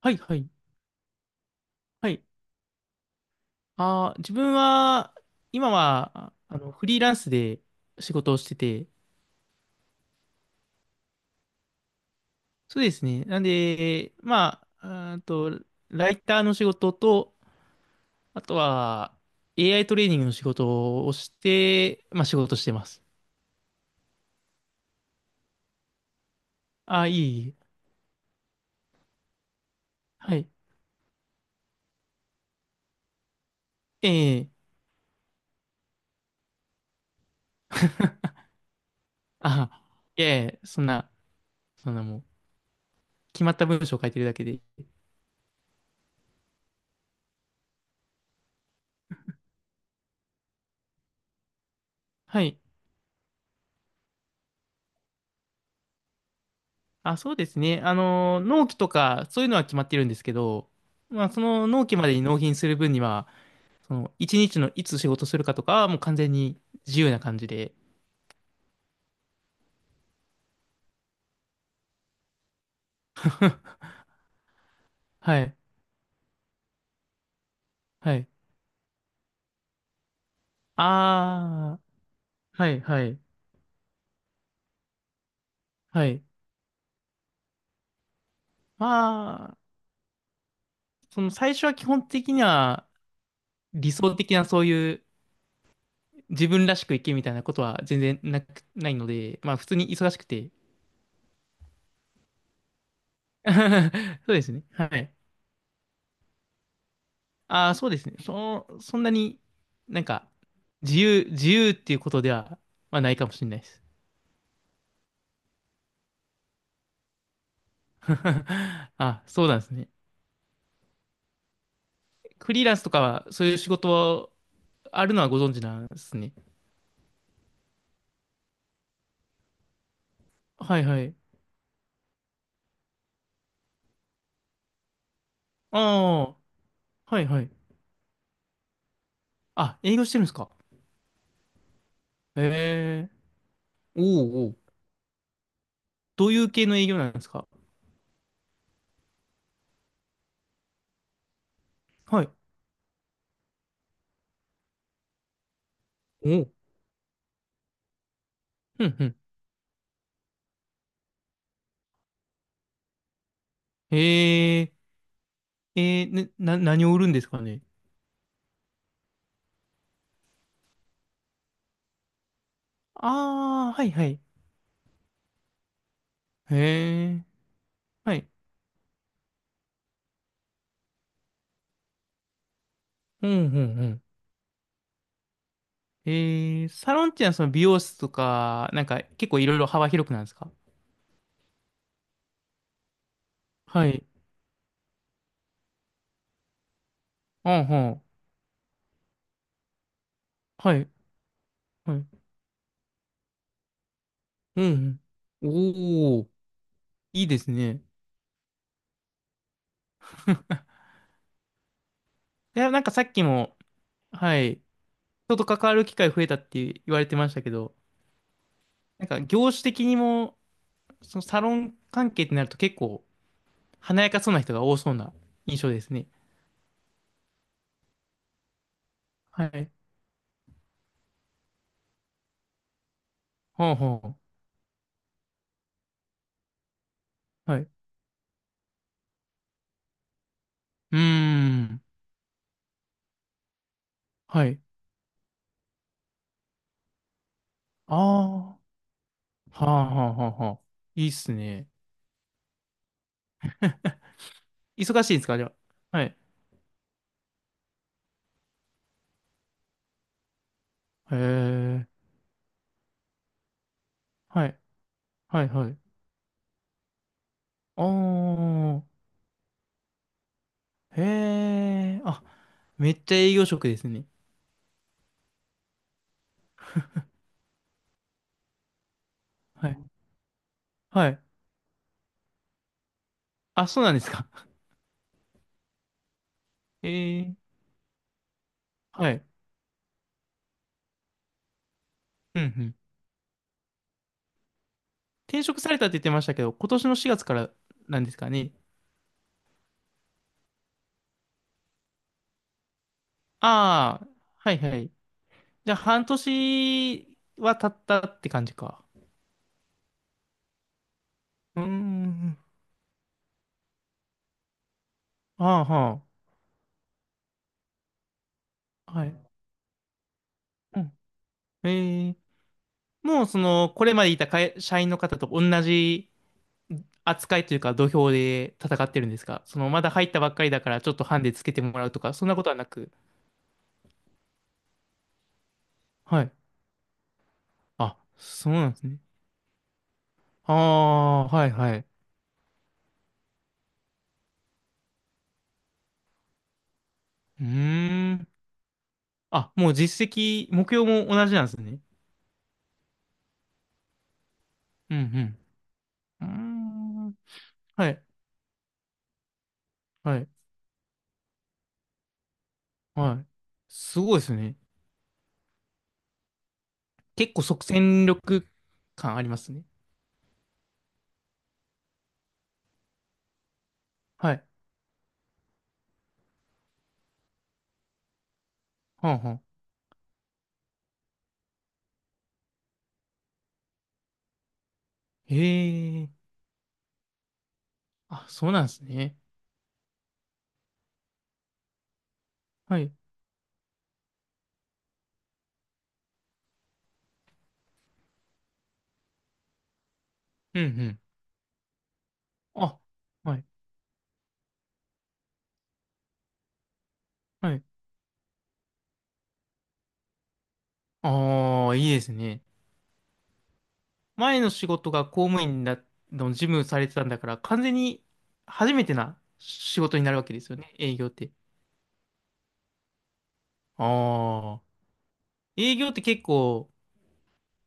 はい、はい、はい。自分は、今は、フリーランスで仕事をしてて、そうですね。なんで、まあ、あーと、ライターの仕事と、あとは、AI トレーニングの仕事をして、まあ、仕事してます。いえいえ、いいはい。ええあ、いやいや、そんな、そんなもう、決まった文章を書いてるだけで。はい。あ、そうですね。あの、納期とか、そういうのは決まってるんですけど、まあ、その納期までに納品する分には、その、一日のいつ仕事するかとかはもう完全に自由な感じで。はい、はい。ああ、はい、はい、はい。まあ、その最初は基本的には理想的なそういう自分らしく生きみたいなことは全然なく、ないので、まあ普通に忙しくて。そうですね。はい。ああ、そうですね。そんなになんか自由、自由っていうことでは、まあ、ないかもしれないです。あ、そうなんですね。フリーランスとかは、そういう仕事はあるのはご存知なんですね。はいはい。ああ、はいはい。あ、営業してるんですか。へえ。おうおう。どういう系の営業なんですか？はい。おう。うんうん。へえ。えー、ねな、何を売るんですかね？ああ、はいはい。へえ。はい。うんうんうん。えー、サロンっていうのはその美容室とか、なんか結構いろいろ幅広くなんですか？はい。うんうん。はい。はい。うんうん。おお。いいですね。いや、なんかさっきも、はい、人と関わる機会増えたって言われてましたけど、なんか業種的にも、そのサロン関係ってなると結構華やかそうな人が多そうな印象ですね。はい。ほうほう。はい。うーん。はい。ああ。はあはあはあはあ。いいっすね。忙しいんですか、じゃあ？はい。へえ。はい。はいはい。ああ。へえ。あ、めっちゃ営業職ですね。はい。はい。あ、そうなんですか？ええはい。うんうん。転職されたって言ってましたけど、今年の4月からなんですかね？ああ、はいはい。じゃあ、半年は経ったって感じか。うーん。ああ、はあ。はい。うん。ええもう、その、これまでいた会社員の方と同じ扱いというか、土俵で戦ってるんですか？その、まだ入ったばっかりだから、ちょっとハンデつけてもらうとか、そんなことはなく。はい。あ、そうなんですね。ああ、はいはい。うーん。あ、もう実績、目標も同じなんですね。うんうん。うーん。はい、はい、はい。すごいですね。結構即戦力感ありますね。はい。はんはん。へえ。あ、そうなんですね。はい。うんうん。あ、はい、はい。ああ、いいですね。前の仕事が公務員だ、の事務されてたんだから、完全に初めてな仕事になるわけですよね。営業って。ああ。営業って結構、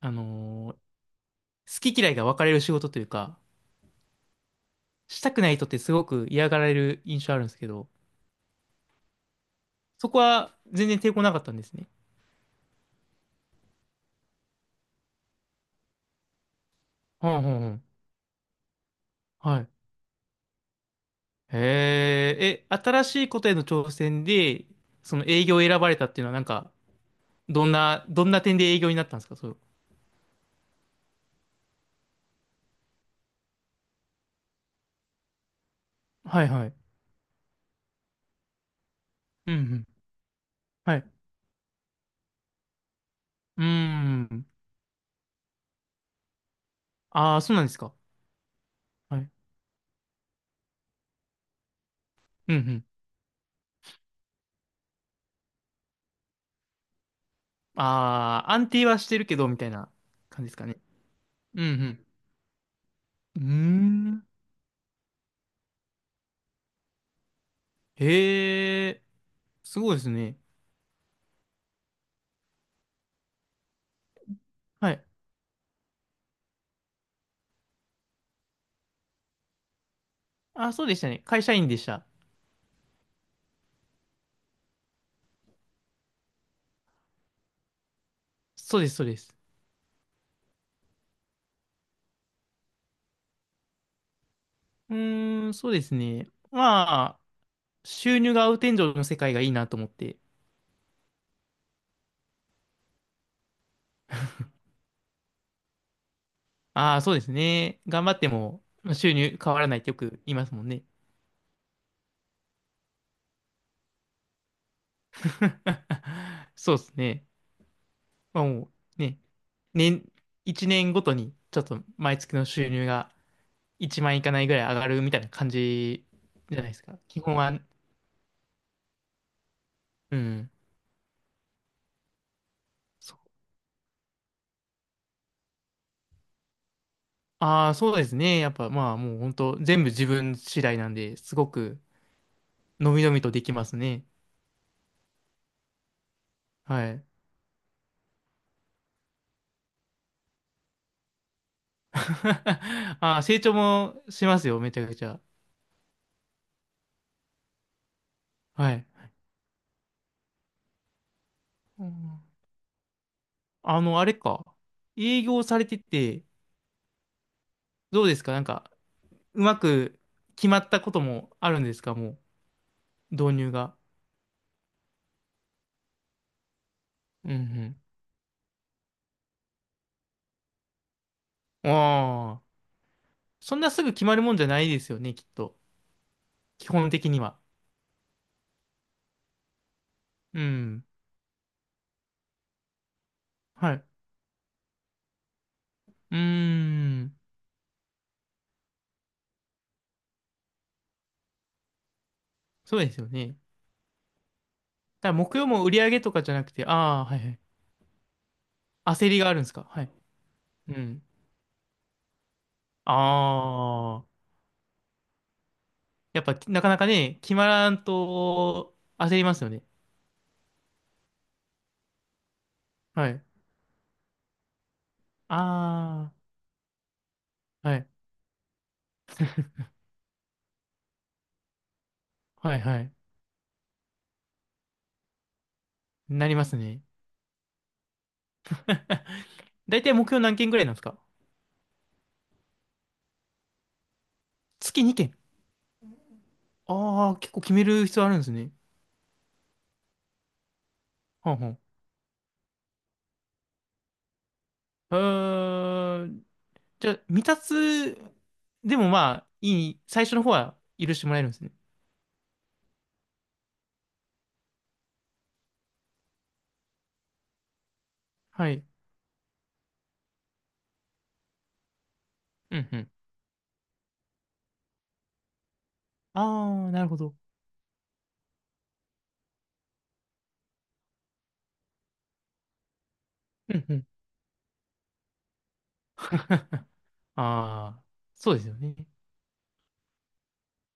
あのー好き嫌いが分かれる仕事というか、したくない人ってすごく嫌がられる印象あるんですけど、そこは全然抵抗なかったんですね。はんはんはん。はい。へえ、え、新しいことへの挑戦で、その営業を選ばれたっていうのはなんか、どんな点で営業になったんですか？そう。はいはい。うんうん。はい。うーん。ああ、そうなんですか？はい。うんうん。ああ、安定はしてるけど、みたいな感じですかね？うんうん。うーん。へえ、すごいですね。はい。あ、そうでしたね。会社員でした。そうです、そうです。うーん、そうですね。まあ、収入が合う天井の世界がいいなと思って。ああ、そうですね。頑張っても収入変わらないってよく言いますもんね。そうですね。まあもうね、年、1年ごとにちょっと毎月の収入が1万いかないぐらい上がるみたいな感じじゃないですか。基本は、うん。ああ、そうですね。やっぱまあもう本当全部自分次第なんで、すごくのびのびとできますね。はい。あ、成長もしますよ、めちゃくちゃ。はい。うんあの、あれか。営業されてて、どうですかなんか、うまく決まったこともあるんですか？もう、導入が。うんうん。ああ、そんなすぐ決まるもんじゃないですよね、きっと。基本的には。うん。はい。うーん。そうですよね。だから目標も売り上げとかじゃなくて、ああ、はいはい。焦りがあるんですか？はい。うん。あやっぱ、なかなかね、決まらんと焦りますよね。はい。ああ、はい。はいはい。なりますね。だいたい目標何件ぐらいなんですか？月2件。ああ、結構決める必要あるんですね。はんはん。えー、じゃあ、未達でもまあ、いい、最初の方は許してもらえるんですね。はい。うんうん。ああ、なるほど。うんうん。ああ、そうですよね。